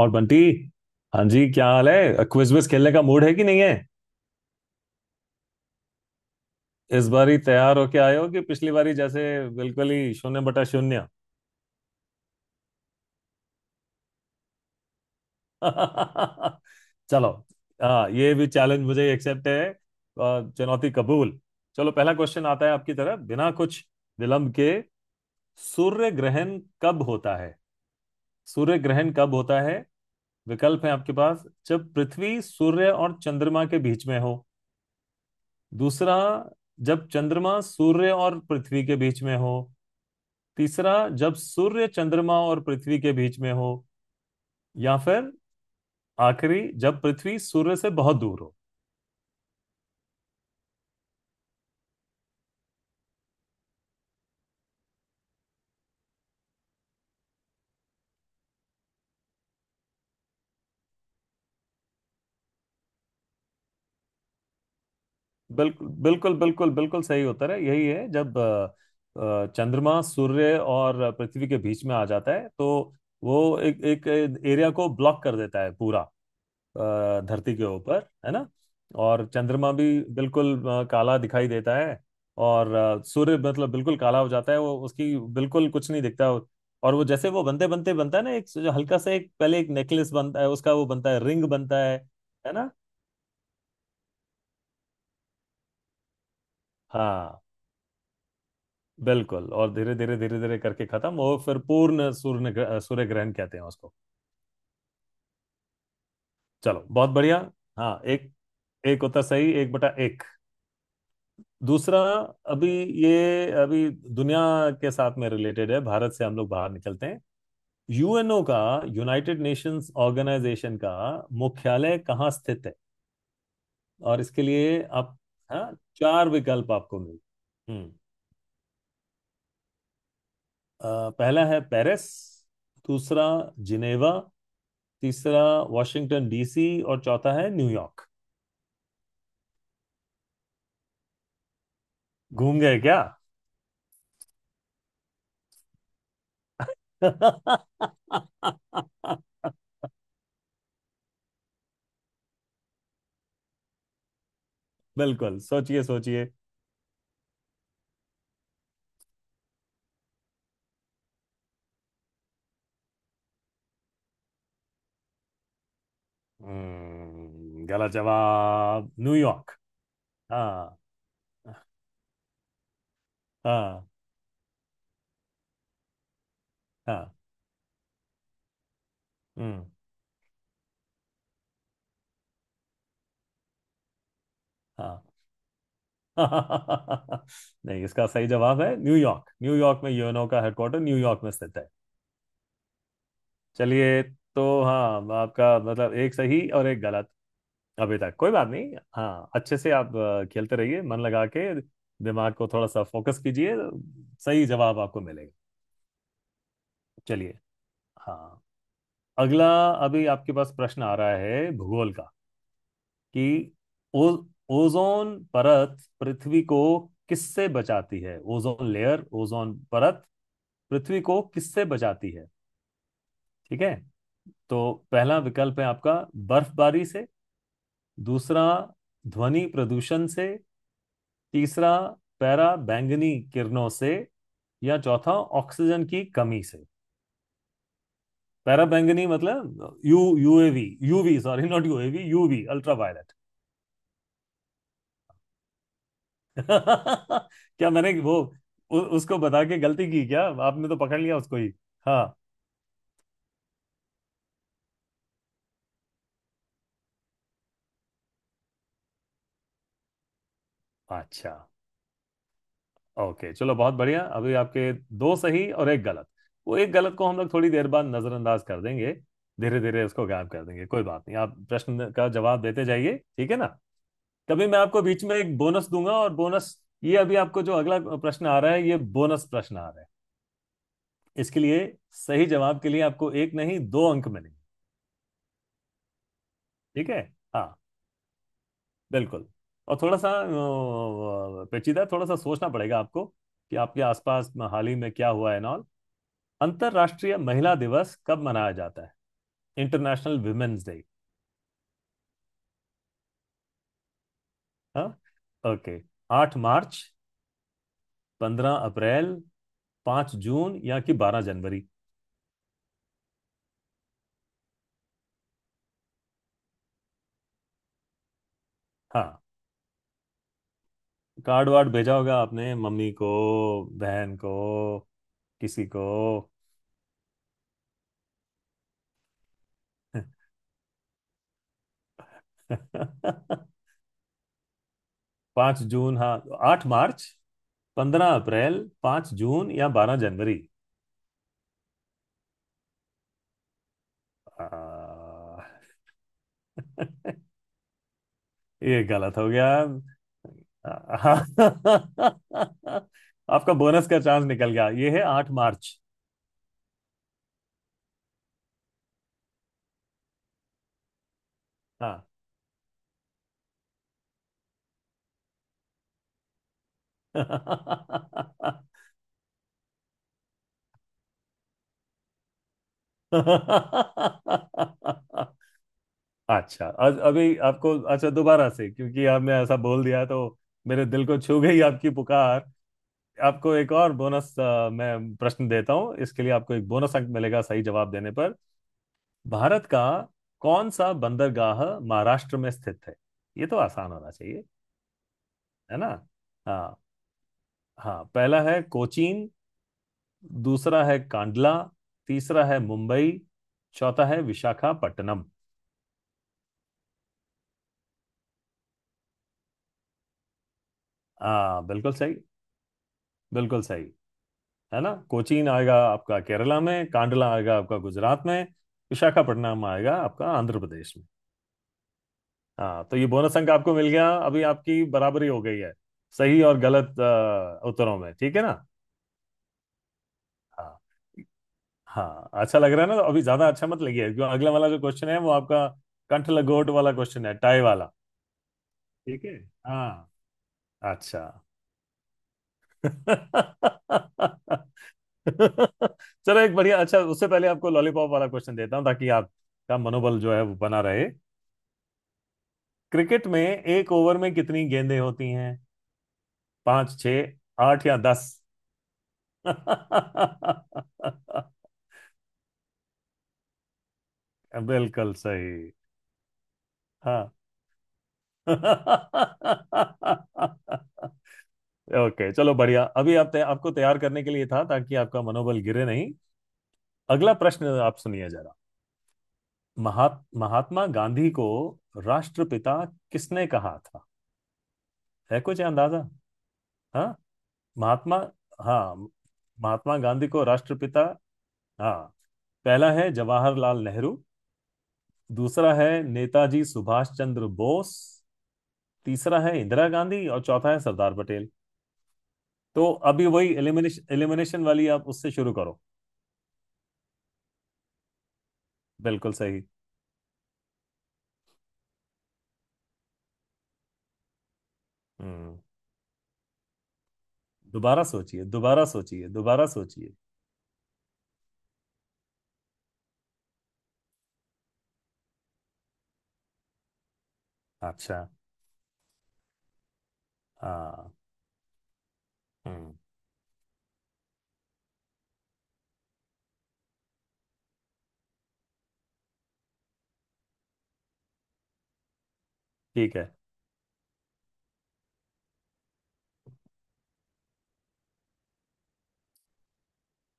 और बंटी। हाँ जी, क्या हाल है? क्विज विज खेलने का मूड है कि नहीं है? इस बार ही तैयार होके आए हो कि पिछली बारी जैसे बिल्कुल ही शून्य बटा शून्य? चलो, हाँ ये भी चैलेंज मुझे एक्सेप्ट है। चुनौती कबूल। चलो पहला क्वेश्चन आता है आपकी तरफ बिना कुछ विलंब के। सूर्य ग्रहण कब होता है? सूर्य ग्रहण कब होता है? विकल्प है आपके पास। जब पृथ्वी, सूर्य और चंद्रमा के बीच में हो। दूसरा, जब चंद्रमा, सूर्य और पृथ्वी के बीच में हो। तीसरा, जब सूर्य, चंद्रमा और पृथ्वी के बीच में हो। या फिर आखिरी, जब पृथ्वी सूर्य से बहुत दूर हो। बिल्कुल बिल्कुल बिल्कुल बिल्कुल सही उत्तर है। यही है, जब चंद्रमा, सूर्य और पृथ्वी के बीच में आ जाता है तो वो एक एक एरिया को ब्लॉक कर देता है पूरा, धरती के ऊपर। है ना? और चंद्रमा भी बिल्कुल काला दिखाई देता है, और सूर्य मतलब बिल्कुल काला हो जाता है वो, उसकी बिल्कुल कुछ नहीं दिखता। और वो जैसे वो बनते बनते बनता है ना, एक जो हल्का सा, एक पहले एक नेकलेस बनता है उसका, वो बनता है, रिंग बनता है। है ना? हाँ, बिल्कुल। और धीरे धीरे धीरे धीरे करके खत्म, और फिर पूर्ण सूर्य सूर्य ग्रहण कहते हैं उसको। चलो, बहुत बढ़िया। हाँ एक, एक उत्तर सही। एक बटा एक। दूसरा। अभी ये अभी दुनिया के साथ में रिलेटेड है। भारत से हम लोग बाहर निकलते हैं। यूएनओ का, यूनाइटेड नेशंस ऑर्गेनाइजेशन का मुख्यालय कहाँ स्थित है? और इसके लिए आप, हाँ, चार विकल्प आपको मिल। हम्म। पहला है पेरिस। दूसरा, जिनेवा। तीसरा, वाशिंगटन डीसी। और चौथा है न्यूयॉर्क। घूम गए क्या? बिल्कुल, सोचिए सोचिए। गलत जवाब। न्यूयॉर्क। हाँ हाँ हाँ। हम्म। हाँ। नहीं, इसका सही जवाब है न्यूयॉर्क। न्यूयॉर्क में यूएनओ का हेडक्वार्टर, न्यूयॉर्क में स्थित है। चलिए। तो हाँ, आपका मतलब एक सही और एक गलत। अभी तक कोई बात नहीं। हाँ अच्छे से आप खेलते रहिए मन लगा के। दिमाग को थोड़ा सा फोकस कीजिए, सही जवाब आपको मिलेगा। चलिए। हाँ, अगला। अभी आपके पास प्रश्न आ रहा है भूगोल का, कि ओ, ओजोन परत पृथ्वी को किससे बचाती है? ओजोन लेयर, ओजोन परत पृथ्वी को किससे बचाती है? ठीक है। तो पहला विकल्प है आपका, बर्फबारी से। दूसरा, ध्वनि प्रदूषण से। तीसरा, पैरा बैंगनी किरणों से। या चौथा, ऑक्सीजन की कमी से। पैरा बैंगनी मतलब U, UAV, UV, sorry, not UAV, UV, ultraviolet. क्या मैंने वो उसको बता के गलती की क्या? आपने तो पकड़ लिया उसको ही। हाँ। अच्छा, ओके। चलो बहुत बढ़िया। अभी आपके दो सही और एक गलत। वो एक गलत को हम लोग थोड़ी देर बाद नजरअंदाज कर देंगे, धीरे धीरे उसको गायब कर देंगे। कोई बात नहीं, आप प्रश्न का जवाब देते जाइए, ठीक है ना? कभी मैं आपको बीच में एक बोनस दूंगा। और बोनस, ये अभी आपको जो अगला प्रश्न आ रहा है, ये बोनस प्रश्न आ रहा है। इसके लिए, सही जवाब के लिए आपको एक नहीं, दो अंक मिलेंगे। ठीक है। हाँ, बिल्कुल। और थोड़ा सा पेचीदा, थोड़ा सा सोचना पड़ेगा आपको, कि आपके आसपास में हाल ही में क्या हुआ है, नॉल। अंतर्राष्ट्रीय महिला दिवस कब मनाया जाता है? International women's day. हाँ। ओके। 8 मार्च, 15 अप्रैल, 5 जून, या कि 12 जनवरी? हाँ, कार्ड वार्ड भेजा होगा आपने मम्मी को, बहन को, किसी को? 5 जून, हाँ। 8 मार्च, पंद्रह अप्रैल, पाँच जून या 12 जनवरी। आ, ये गलत हो गया। हाँ। आपका बोनस का चांस निकल गया। ये है 8 मार्च। हाँ। अच्छा अभी आपको, अच्छा, दोबारा से, क्योंकि आपने ऐसा बोल दिया तो मेरे दिल को छू गई आपकी पुकार। आपको एक और बोनस मैं प्रश्न देता हूँ, इसके लिए आपको एक बोनस अंक मिलेगा सही जवाब देने पर। भारत का कौन सा बंदरगाह महाराष्ट्र में स्थित है? ये तो आसान होना चाहिए, है ना? हाँ, हाँ। पहला है कोचीन। दूसरा है कांडला। तीसरा है मुंबई। चौथा है विशाखापट्टनम। हाँ, बिल्कुल सही। बिल्कुल सही। है ना, कोचीन आएगा आपका केरला में, कांडला आएगा आपका गुजरात में, विशाखापट्टनम आएगा आपका आंध्र प्रदेश में। हाँ, तो ये बोनस अंक आपको मिल गया। अभी आपकी बराबरी हो गई है सही और गलत उत्तरों में। ठीक है ना? हाँ। हाँ अच्छा लग रहा है ना? तो अभी ज्यादा अच्छा मत लगिए, क्यों, अगला वाला जो क्वेश्चन है वो आपका कंठ लंगोट वाला क्वेश्चन है, टाई वाला। ठीक है। हाँ, अच्छा। चलो एक बढ़िया, अच्छा, उससे पहले आपको लॉलीपॉप वाला क्वेश्चन देता हूँ ताकि आपका मनोबल जो है वो बना रहे। क्रिकेट में एक ओवर में कितनी गेंदें होती हैं? पांच, छह, आठ, या 10? बिल्कुल सही। हाँ। ओके, चलो बढ़िया। अभी आप आपको तैयार करने के लिए था ताकि आपका मनोबल गिरे नहीं। अगला प्रश्न आप सुनिए जरा। महात्मा गांधी को राष्ट्रपिता किसने कहा था? है कुछ अंदाजा? हाँ। महात्मा, हाँ, महात्मा गांधी को राष्ट्रपिता। हाँ, पहला है जवाहरलाल नेहरू। दूसरा है नेताजी सुभाष चंद्र बोस। तीसरा है इंदिरा गांधी। और चौथा है सरदार पटेल। तो अभी वही एलिमिनेशन एलिमिनेशन वाली आप उससे शुरू करो। बिल्कुल सही। हम्म। दोबारा सोचिए, दोबारा सोचिए, दोबारा सोचिए। अच्छा, हाँ। हम्म। ठीक है।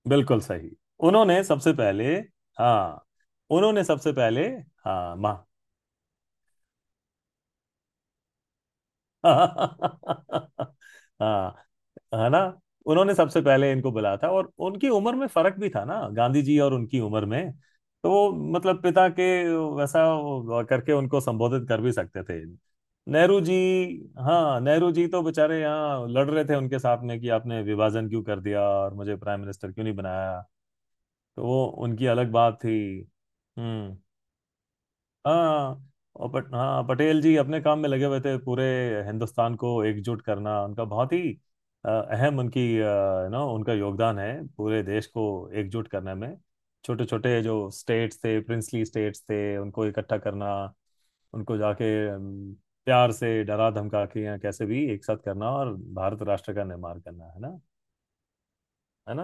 बिल्कुल सही। उन्होंने सबसे पहले, हाँ, उन्होंने सबसे पहले, हाँ माँ। हाँ। है ना? उन्होंने सबसे पहले इनको बुलाया था। और उनकी उम्र में फर्क भी था ना, गांधी जी और उनकी उम्र में, तो वो, मतलब पिता के वैसा वो करके उनको संबोधित कर भी सकते थे। नेहरू जी, हाँ नेहरू जी तो बेचारे यहाँ लड़ रहे थे उनके साथ में कि आपने विभाजन क्यों कर दिया और मुझे प्राइम मिनिस्टर क्यों नहीं बनाया, तो वो उनकी अलग बात थी। हम्म। हाँ और पट हाँ, पटेल जी अपने काम में लगे हुए थे, पूरे हिंदुस्तान को एकजुट करना। उनका बहुत ही अहम, उनकी यू नो, उनका योगदान है पूरे देश को एकजुट करने में। छोटे छोटे जो स्टेट्स थे, प्रिंसली स्टेट्स थे, उनको इकट्ठा करना, उनको जाके प्यार से, डरा धमका के, या कैसे भी एक साथ करना, और भारत राष्ट्र का निर्माण करना है। है ना?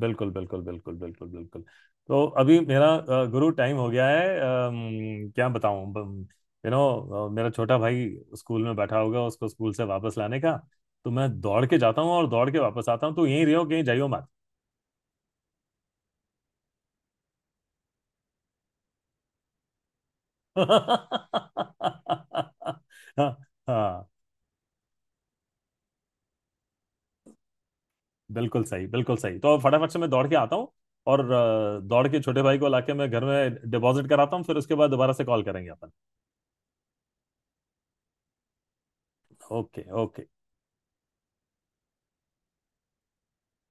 बिल्कुल बिल्कुल बिल्कुल बिल्कुल बिल्कुल। तो अभी मेरा गुरु टाइम हो गया है। क्या बताऊं, यू नो, मेरा छोटा भाई स्कूल में बैठा होगा, उसको स्कूल से वापस लाने का, तो मैं दौड़ के जाता हूँ और दौड़ के वापस आता हूँ, तो यहीं रहो, कहीं जाइयो मत। हाँ। हाँ, बिल्कुल सही, बिल्कुल सही। तो फटाफट से मैं दौड़ के आता हूँ, और दौड़ के छोटे भाई को लाके मैं घर में डिपॉजिट कराता हूँ, फिर उसके बाद दोबारा से कॉल करेंगे अपन। Okay, okay.